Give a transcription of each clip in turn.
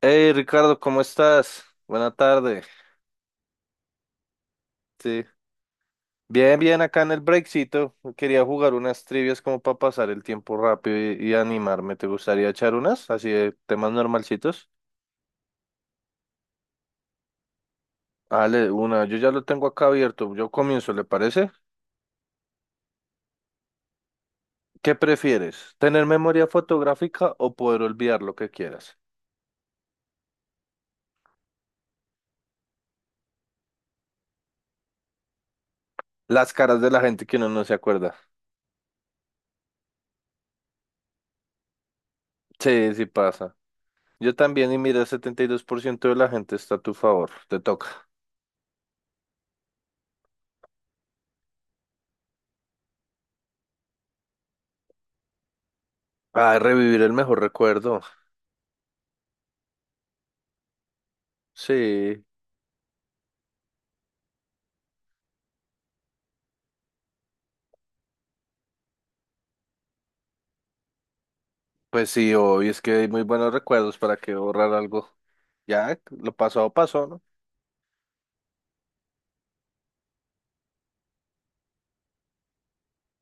Hey Ricardo, ¿cómo estás? Buena tarde. Sí. Bien, bien, acá en el breakcito. Quería jugar unas trivias como para pasar el tiempo rápido y animarme. ¿Te gustaría echar unas? Así de temas normalcitos. Dale, una. Yo ya lo tengo acá abierto. Yo comienzo, ¿le parece? ¿Qué prefieres? ¿Tener memoria fotográfica o poder olvidar lo que quieras? Las caras de la gente que uno no se acuerda. Sí, sí pasa. Yo también, y mira, el 72% de la gente está a tu favor. Te toca. Ah, revivir el mejor recuerdo. Sí. Pues sí, hoy es que hay muy buenos recuerdos para que borrar algo. Ya, lo pasado pasó, ¿no?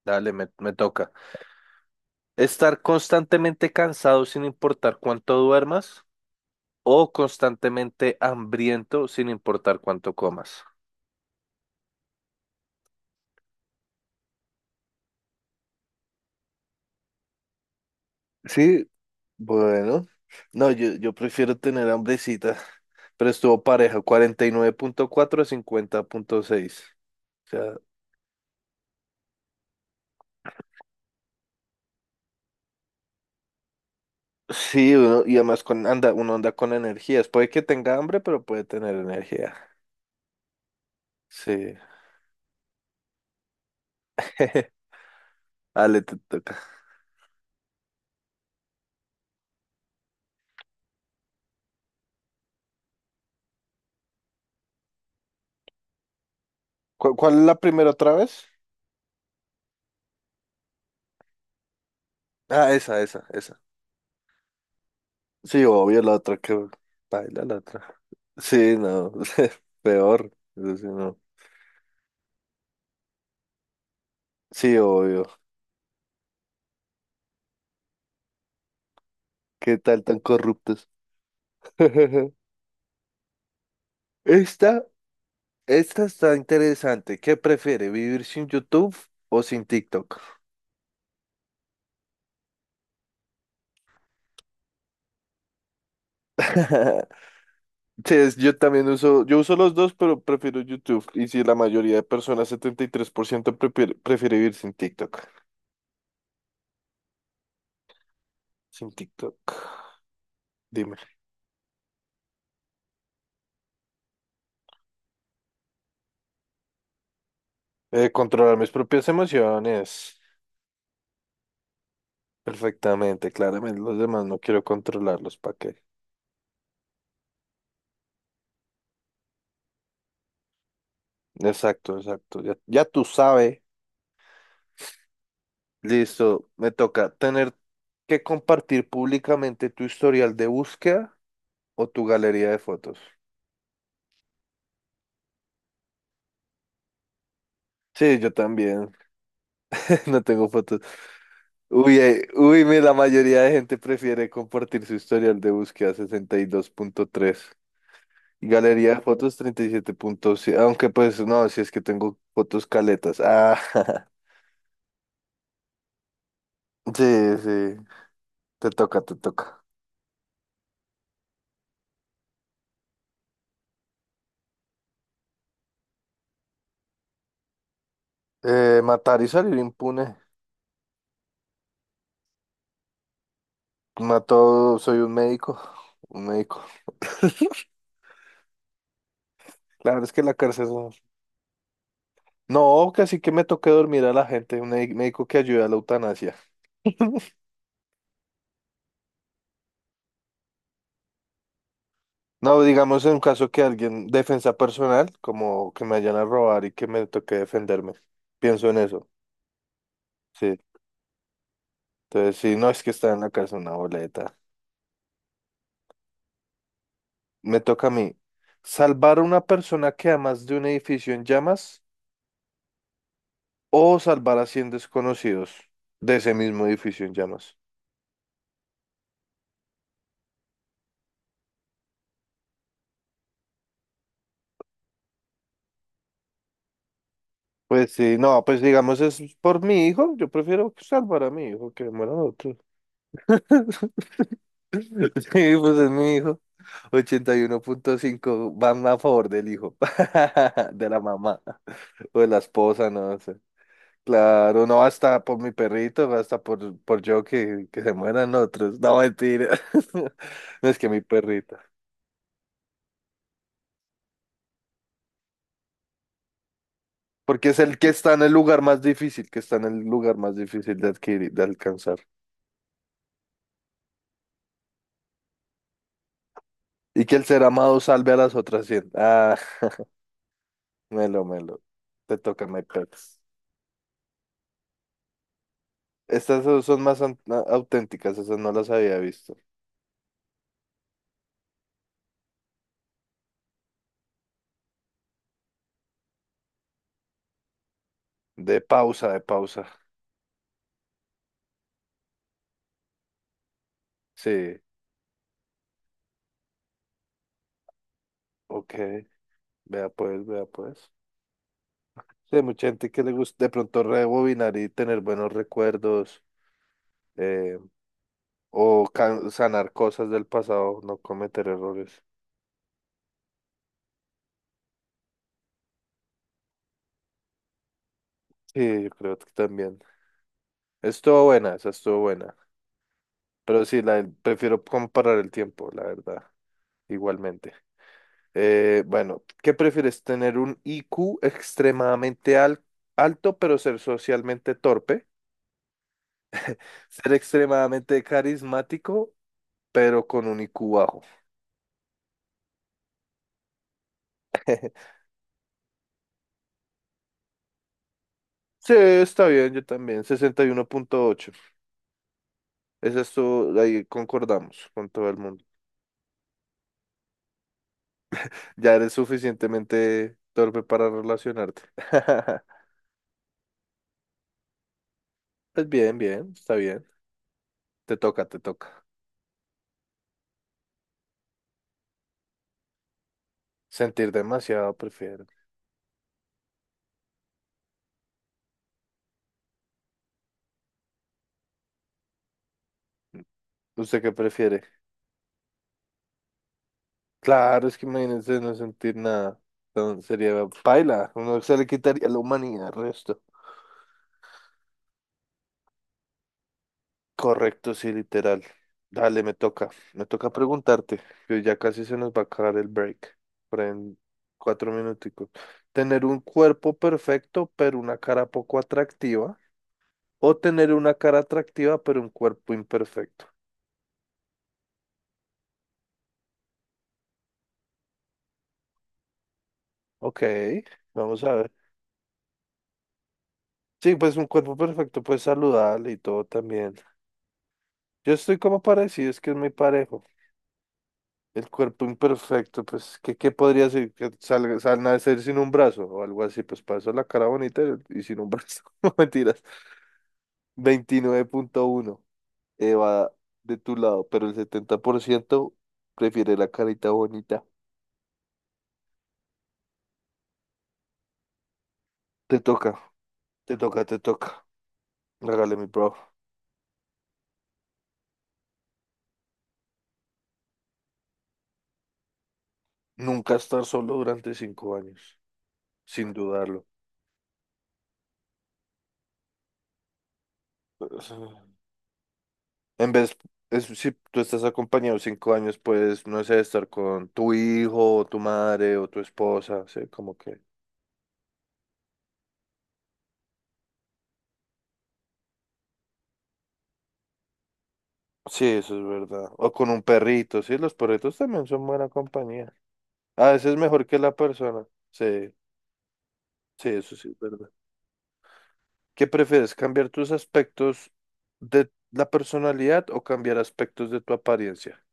Dale, me toca. Estar constantemente cansado sin importar cuánto duermas o constantemente hambriento sin importar cuánto comas. Sí, bueno. No, yo prefiero tener hambrecita, pero estuvo pareja, 49.4 a 50.6. O sea, sí, uno, y además con, anda, uno anda con energías. Puede que tenga hambre, pero puede tener energía. Sí. Ale, te toca. ¿Cuál, es la primera otra vez? Ah, esa, esa, esa. Sí, obvio, la otra que baila, la otra. Sí, no, peor. Eso sí, no. Sí, obvio. ¿Qué tal tan corruptos? Esta, esta está interesante. ¿Qué prefiere, vivir sin YouTube o sin TikTok? Sí, yo también uso, yo uso los dos, pero prefiero YouTube. Y si la mayoría de personas, 73%, prefiere vivir sin TikTok. Sin TikTok. Dime. Controlar mis propias emociones. Perfectamente, claramente. Los demás no quiero controlarlos. ¿Para qué? Exacto, exacto. Ya, ya tú sabes. Listo. Me toca tener que compartir públicamente tu historial de búsqueda o tu galería de fotos. Sí, yo también. No tengo fotos. Uy, uy, la mayoría de gente prefiere compartir su historial de búsqueda 62.3 y galería de fotos 37.7. Aunque pues no, si es que tengo fotos caletas. Ah, Sí, sí, te toca, te toca. Matar y salir impune. Mató, soy un médico, un médico. Claro, es que la cárcel no. No, que así que me toque dormir a la gente, un médico que ayude a la eutanasia. No, digamos en un caso que alguien, defensa personal, como que me vayan a robar y que me toque defenderme. Pienso en eso. Sí. Entonces, sí, no es que está en la cárcel una boleta. Me toca a mí. Salvar a una persona que amas de un edificio en llamas o salvar a 100 desconocidos de ese mismo edificio en llamas. Pues sí, no, pues digamos es por mi hijo, yo prefiero salvar a mi hijo que muera otro. Sí, pues es mi hijo. 81.5 van a favor del hijo, de la mamá o de la esposa, no sé. Claro, no hasta por mi perrito, hasta por yo que se mueran otros. No, mentira. No es que mi perrito. Porque es el que está en el lugar más difícil, que está en el lugar más difícil de adquirir, de alcanzar. Y que el ser amado salve a las otras 100. Ah, melo, melo. Te toca, my pet. Estas son más auténticas, esas no las había visto. De pausa, de pausa. Sí, ok. Vea pues, vea pues. Sí, hay mucha gente que le gusta de pronto rebobinar y tener buenos recuerdos, eh, o sanar cosas del pasado, no cometer errores. Sí, yo creo que también. Estuvo buena, esa estuvo buena. Pero sí, prefiero comparar el tiempo, la verdad, igualmente. Bueno, ¿qué prefieres? ¿Tener un I Q extremadamente alto, pero ser socialmente torpe? ¿Ser extremadamente carismático, pero con un I Q bajo? Sí, está bien, yo también, 61.8. Esa todo ahí concordamos con todo el mundo. Ya eres suficientemente torpe para relacionarte. Pues bien, bien, está bien. Te toca, te toca. Sentir demasiado prefiero. ¿Usted qué prefiere? Claro, es que imagínense no sentir nada. Sería paila. Uno se le quitaría la humanidad al resto. Correcto, sí, literal. Dale, me toca. Me toca preguntarte, que ya casi se nos va a acabar el break. Por ahí en 4 minuticos. ¿Tener un cuerpo perfecto, pero una cara poco atractiva? ¿O tener una cara atractiva, pero un cuerpo imperfecto? Ok, vamos a ver. Sí, pues un cuerpo perfecto, pues saludable y todo también. Yo estoy como parecido, es que es muy parejo. El cuerpo imperfecto, pues, ¿qué podría ser? Que salga, nacer sin un brazo o algo así, pues para eso la cara bonita y sin un brazo. No mentiras. 29.1 va de tu lado, pero el 70% prefiere la carita bonita. Te toca, te toca, te toca. Regale mi bro. Nunca estar solo durante 5 años, sin dudarlo. En vez, si tú estás acompañado 5 años, pues, no sé, estar con tu hijo, o tu madre, o tu esposa, sí, como que. Sí, eso es verdad. O con un perrito, sí, los perritos también son buena compañía. A veces es mejor que la persona. Sí, sí, eso sí es verdad. ¿Qué prefieres, cambiar tus aspectos de la personalidad o cambiar aspectos de tu apariencia?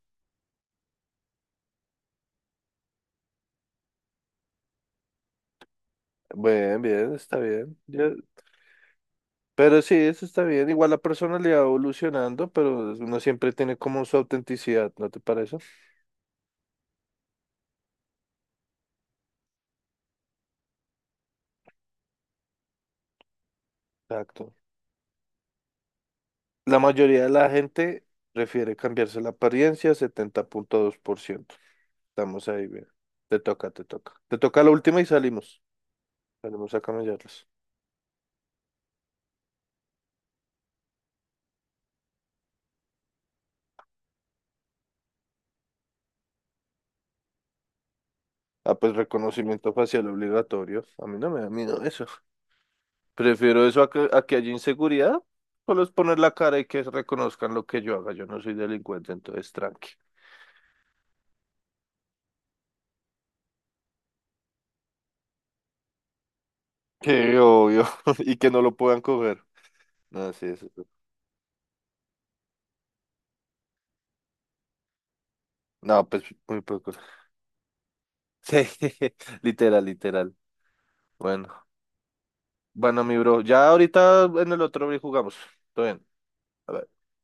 Bien, bien, está bien. Ya. Pero sí, eso está bien. Igual la personalidad va evolucionando, pero uno siempre tiene como su autenticidad, ¿no te parece? Exacto. La mayoría de la gente prefiere cambiarse la apariencia, 70.2%. Estamos ahí, bien. Te toca, te toca. Te toca la última y salimos. Salimos a camellarlas. Ah, pues reconocimiento facial obligatorio. A mí no me da miedo eso. Prefiero eso a que haya inseguridad. Solo es poner la cara y que reconozcan lo que yo haga. Yo no soy delincuente, entonces tranqui. Qué obvio. Y que no lo puedan coger. No, sí, eso. No, pues muy poco. Sí, literal, literal. Bueno, bueno, mi bro. Ya ahorita en el otro bri jugamos. Todo bien. Bye, bye.